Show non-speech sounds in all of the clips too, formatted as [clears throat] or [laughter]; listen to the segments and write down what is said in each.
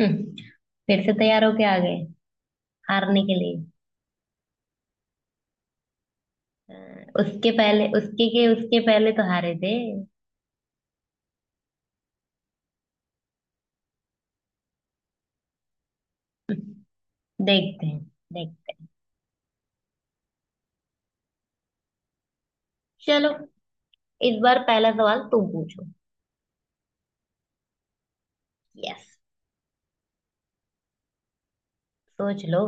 हम्म, फिर से तैयार होके आ गए हारने के लिए। अ, उसके पहले उसके पहले तो हारे थे। [laughs] देखते हैं। देखते हैं। चलो, इस बार पहला सवाल तुम पूछो। यस। सोच लो,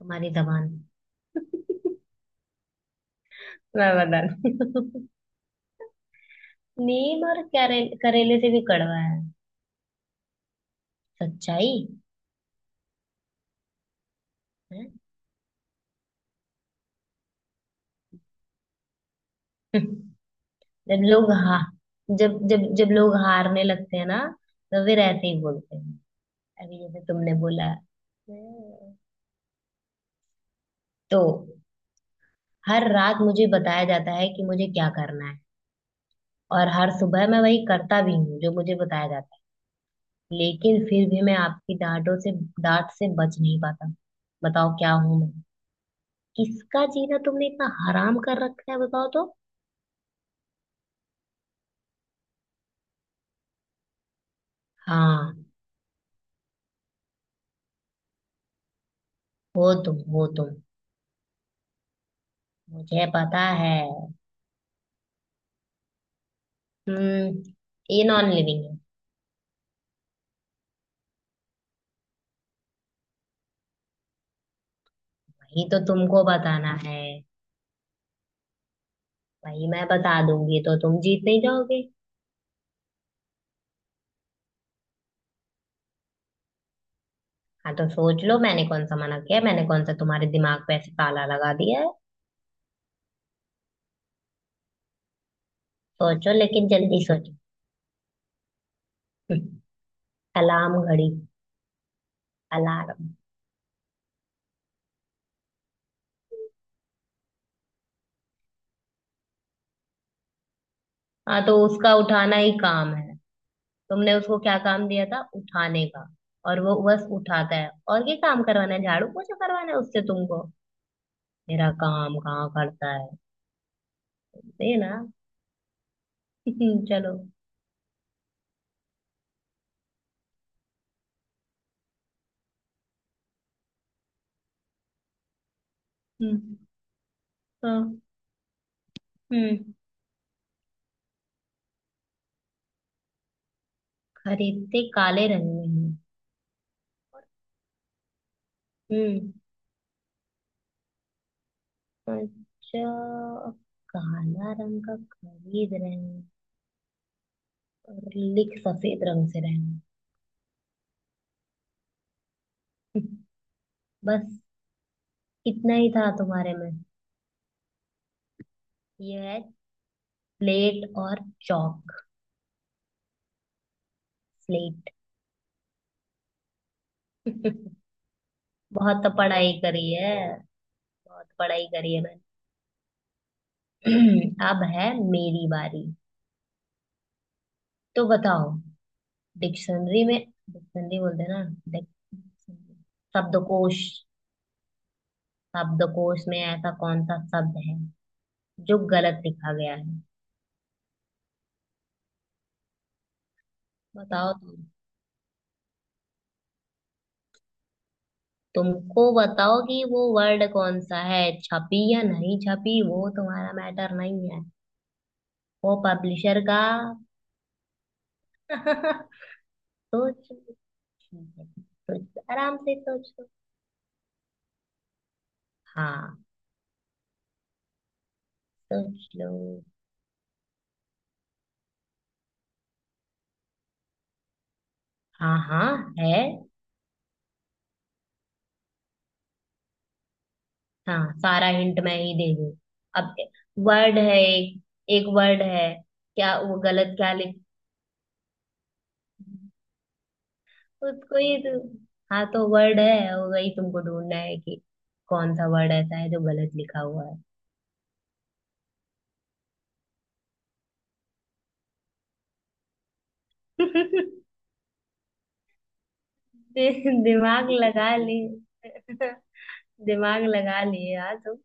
तुम्हारी जबान। मैं बता दूं। [laughs] नीम और करेले से भी कड़वा है सच्चाई। है। [laughs] जब लोग हा जब जब जब लोग हारने लगते हैं ना, तो फिर ऐसे ही बोलते हैं। अभी जैसे तुमने बोला तो हर रात मुझे बताया जाता है कि मुझे क्या करना है, और हर सुबह मैं वही करता भी हूँ जो मुझे बताया जाता है। लेकिन फिर भी मैं आपकी डांट से बच नहीं पाता। बताओ क्या हूँ मैं। किसका जीना तुमने इतना हराम कर रखा है बताओ तो। हाँ। हो तुम, हो तुम। मुझे पता है। हम्म। ये नॉन लिविंग है। वही तो तुमको बताना है। वही मैं बता दूंगी तो तुम जीत नहीं जाओगे। हाँ तो सोच लो, मैंने कौन सा मना किया है? मैंने कौन सा तुम्हारे दिमाग पे ऐसे ताला लगा दिया है। सोचो, लेकिन जल्दी सोचो। [laughs] अलार्म घड़ी। अलार्म। हाँ तो उसका उठाना ही काम है। तुमने उसको क्या काम दिया था उठाने का, और वो बस उठाता है। और ये काम करवाना है, झाड़ू पोछा करवाना है उससे तुमको। मेरा काम कहाँ करता है। ये ना। [laughs] चलो। हम्म। हाँ। हम्म। खरीदते काले रंग में हैं। हम्म। अच्छा, काला रंग का खरीद रहे हैं और लिख सफेद रंग से रहे हैं। [laughs] बस, इतना ही था तुम्हारे में। ये है प्लेट और चौक। स्लेट। [laughs] बहुत तो पढ़ाई करी है। बहुत पढ़ाई करी है मैंने। [clears throat] अब है मेरी बारी। तो बताओ, डिक्शनरी में, डिक्शनरी बोलते हैं ना, डिक्शनरी, शब्दकोश, शब्दकोश में ऐसा कौन सा शब्द है जो गलत लिखा गया है। बताओ तुम। तुमको बताओ कि वो वर्ड कौन सा है, छपी या नहीं छपी वो तुम्हारा मैटर नहीं है। वो पब्लिशर का। [laughs] सोच लो। ठीक है, सोच आराम से सोच लो। हाँ। सोच लो। हाँ हाँ, है। हाँ, सारा हिंट मैं ही दे दूँ। अब, वर्ड है एक, एक वर्ड है। क्या वो गलत क्या लिख उसको ही तो। हाँ तो वर्ड है, वही तुमको ढूंढना है कि कौन सा वर्ड ऐसा है जो गलत लिखा हुआ है। [laughs] दिमाग लगा लिए। [laughs] दिमाग लगा लिए यार तुम।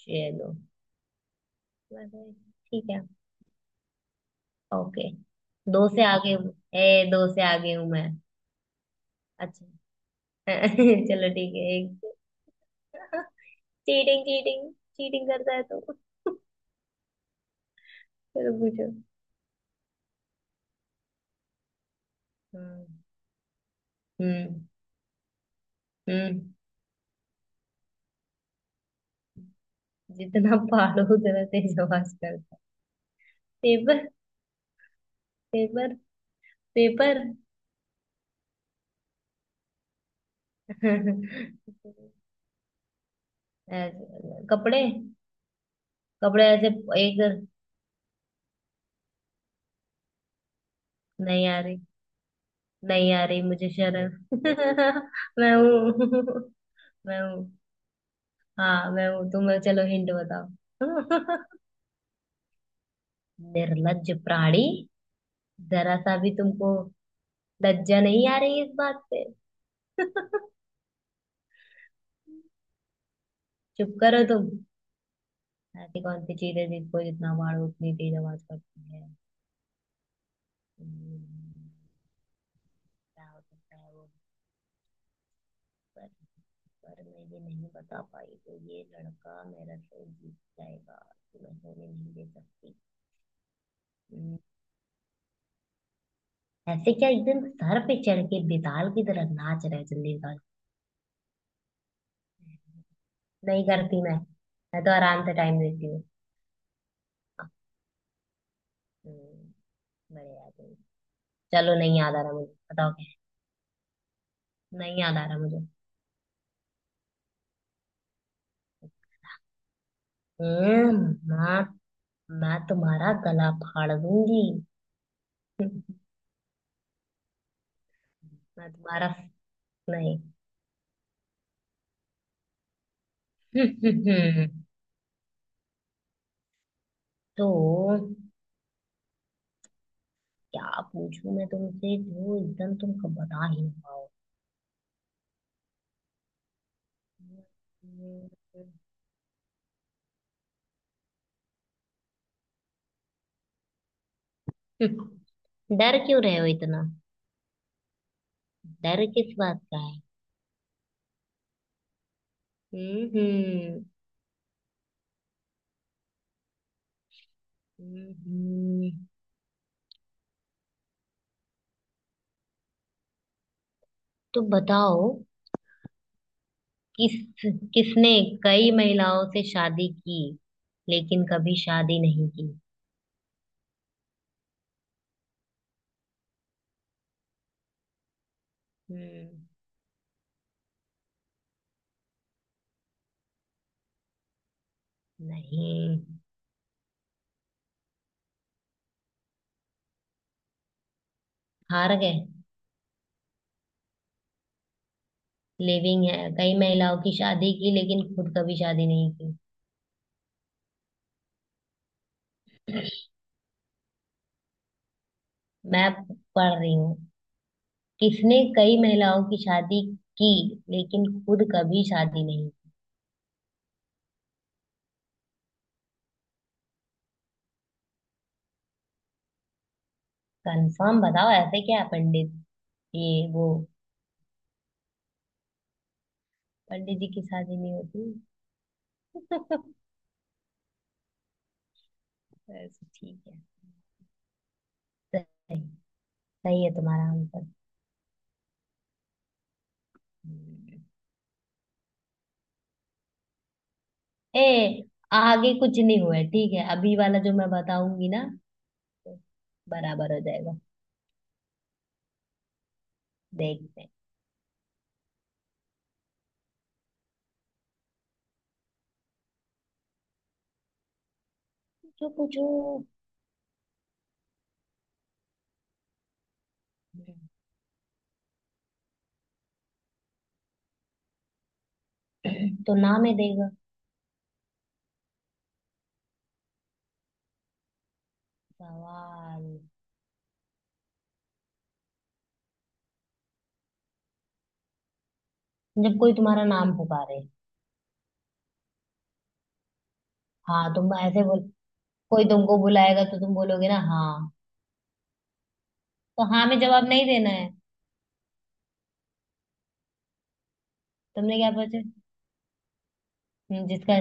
चलो, ठीक है। ओके। दो से आगे हूँ। ए, दो से आगे हूँ मैं। अच्छा। [laughs] चलो ठीक है, एक। चीटिंग। चीटिंग चीटिंग करता है तो। चलो पूछो। हम्म। हम्म। हम्म। जितना फाड़ो उतना तेज आवाज करता है। पेपर। पेपर। पेपर। [laughs] कपड़े। कपड़े ऐसे एक। नहीं आ रही। नहीं आ रही मुझे शर्म। [laughs] मैं हूँ। मैं हूँ। हाँ मैं हूँ, तुम चलो हिंट बताओ। [laughs] निर्लज्ज प्राणी। जरा सा भी तुमको लज्जा नहीं आ रही इस बात पे। चुप करो तुम। ऐसी कौन सी चीज है जिसको जितना मारो उतनी तेज आवाज करती है। हम्म, क्या हो सकता है वो। पर, पर मैं ये नहीं बता पाई तो ये लड़का मेरा शो जीत जाएगा। तो मैं होने नहीं दे सकती। हम्म, ऐसे क्या एकदम सर पे चढ़ के बेताल की तरह नाच रहे हो, जल्दी निकाल। नहीं करती मैं। मैं तो आराम से टाइम देती हूँ। हम्म, बड़े आदमी। चलो नहीं याद आ रहा मुझे। बताओ क्या है? नहीं याद आ रहा मुझे। हम्म मैं मैं तुम्हारा गला फाड़ दूंगी। [laughs] मैं तुम्हारा। नहीं। [laughs] तो क्या पूछूं मैं तुमसे जो एकदम तुम कब बता ही ना पाओ। [laughs] डर क्यों रहे हो इतना। डर किस बात का है। हम्म। हम्म। हम्म। हम्म। तो बताओ, किस किसने कई महिलाओं से शादी की लेकिन कभी शादी नहीं की। हम्म। नहीं। हार गए। लिविंग है, कई महिलाओं की शादी की लेकिन खुद कभी शादी नहीं की। मैं पढ़ रही हूँ। किसने कई महिलाओं की शादी की लेकिन खुद कभी शादी नहीं। कंफर्म बताओ, ऐसे क्या है पंडित ये वो। पंडित जी की शादी नहीं होती। [laughs] बस, ठीक है। सही। सही है तुम्हारा आंसर। हम्म। ए, आगे कुछ नहीं हुआ है, ठीक है। अभी वाला जो मैं बताऊंगी ना, तो बराबर हो जाएगा। देखते हैं। जो पूछो। तो नाम है देगा। सवाल। जब कोई तुम्हारा नाम पुकारे। हाँ, तुम ऐसे बोल, कोई तुमको बुलाएगा तो तुम बोलोगे ना हाँ। तो हाँ में जवाब नहीं देना है। तुमने क्या पूछा। जिसका,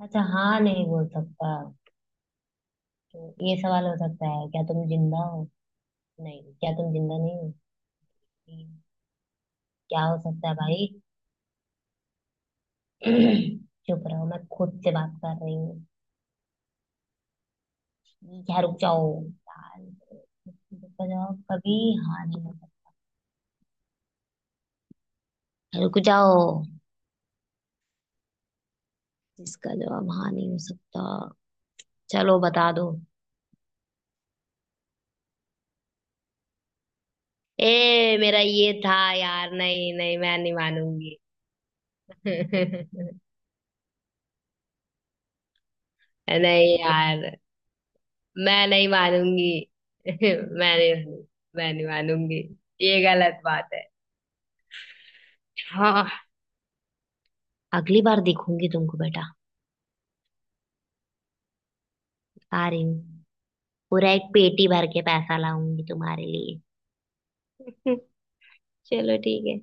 अच्छा, हाँ नहीं बोल सकता। तो ये सवाल हो सकता है क्या तुम जिंदा हो। नहीं, क्या तुम जिंदा नहीं हो। नहीं। क्या हो सकता है भाई। चुप रहो, मैं खुद से बात कर रही हूँ। क्या रुक जाओ यार। जिसका जवाब कभी हाँ नहीं हो सकता। रुक जाओ। जिसका जवाब हाँ नहीं हो सकता। चलो बता दो। ए मेरा ये था यार, नहीं नहीं, मैं नहीं मानूंगी। [laughs] नहीं यार। मैं नहीं मानूंगी। [laughs] मैं नहीं मानूंगी। मैं नहीं मानूंगी। ये गलत बात है। हाँ। अगली बार देखूंगी तुमको बेटा। आ रही हूँ। पूरा एक पेटी भर के पैसा लाऊंगी तुम्हारे लिए। [laughs] चलो ठीक है।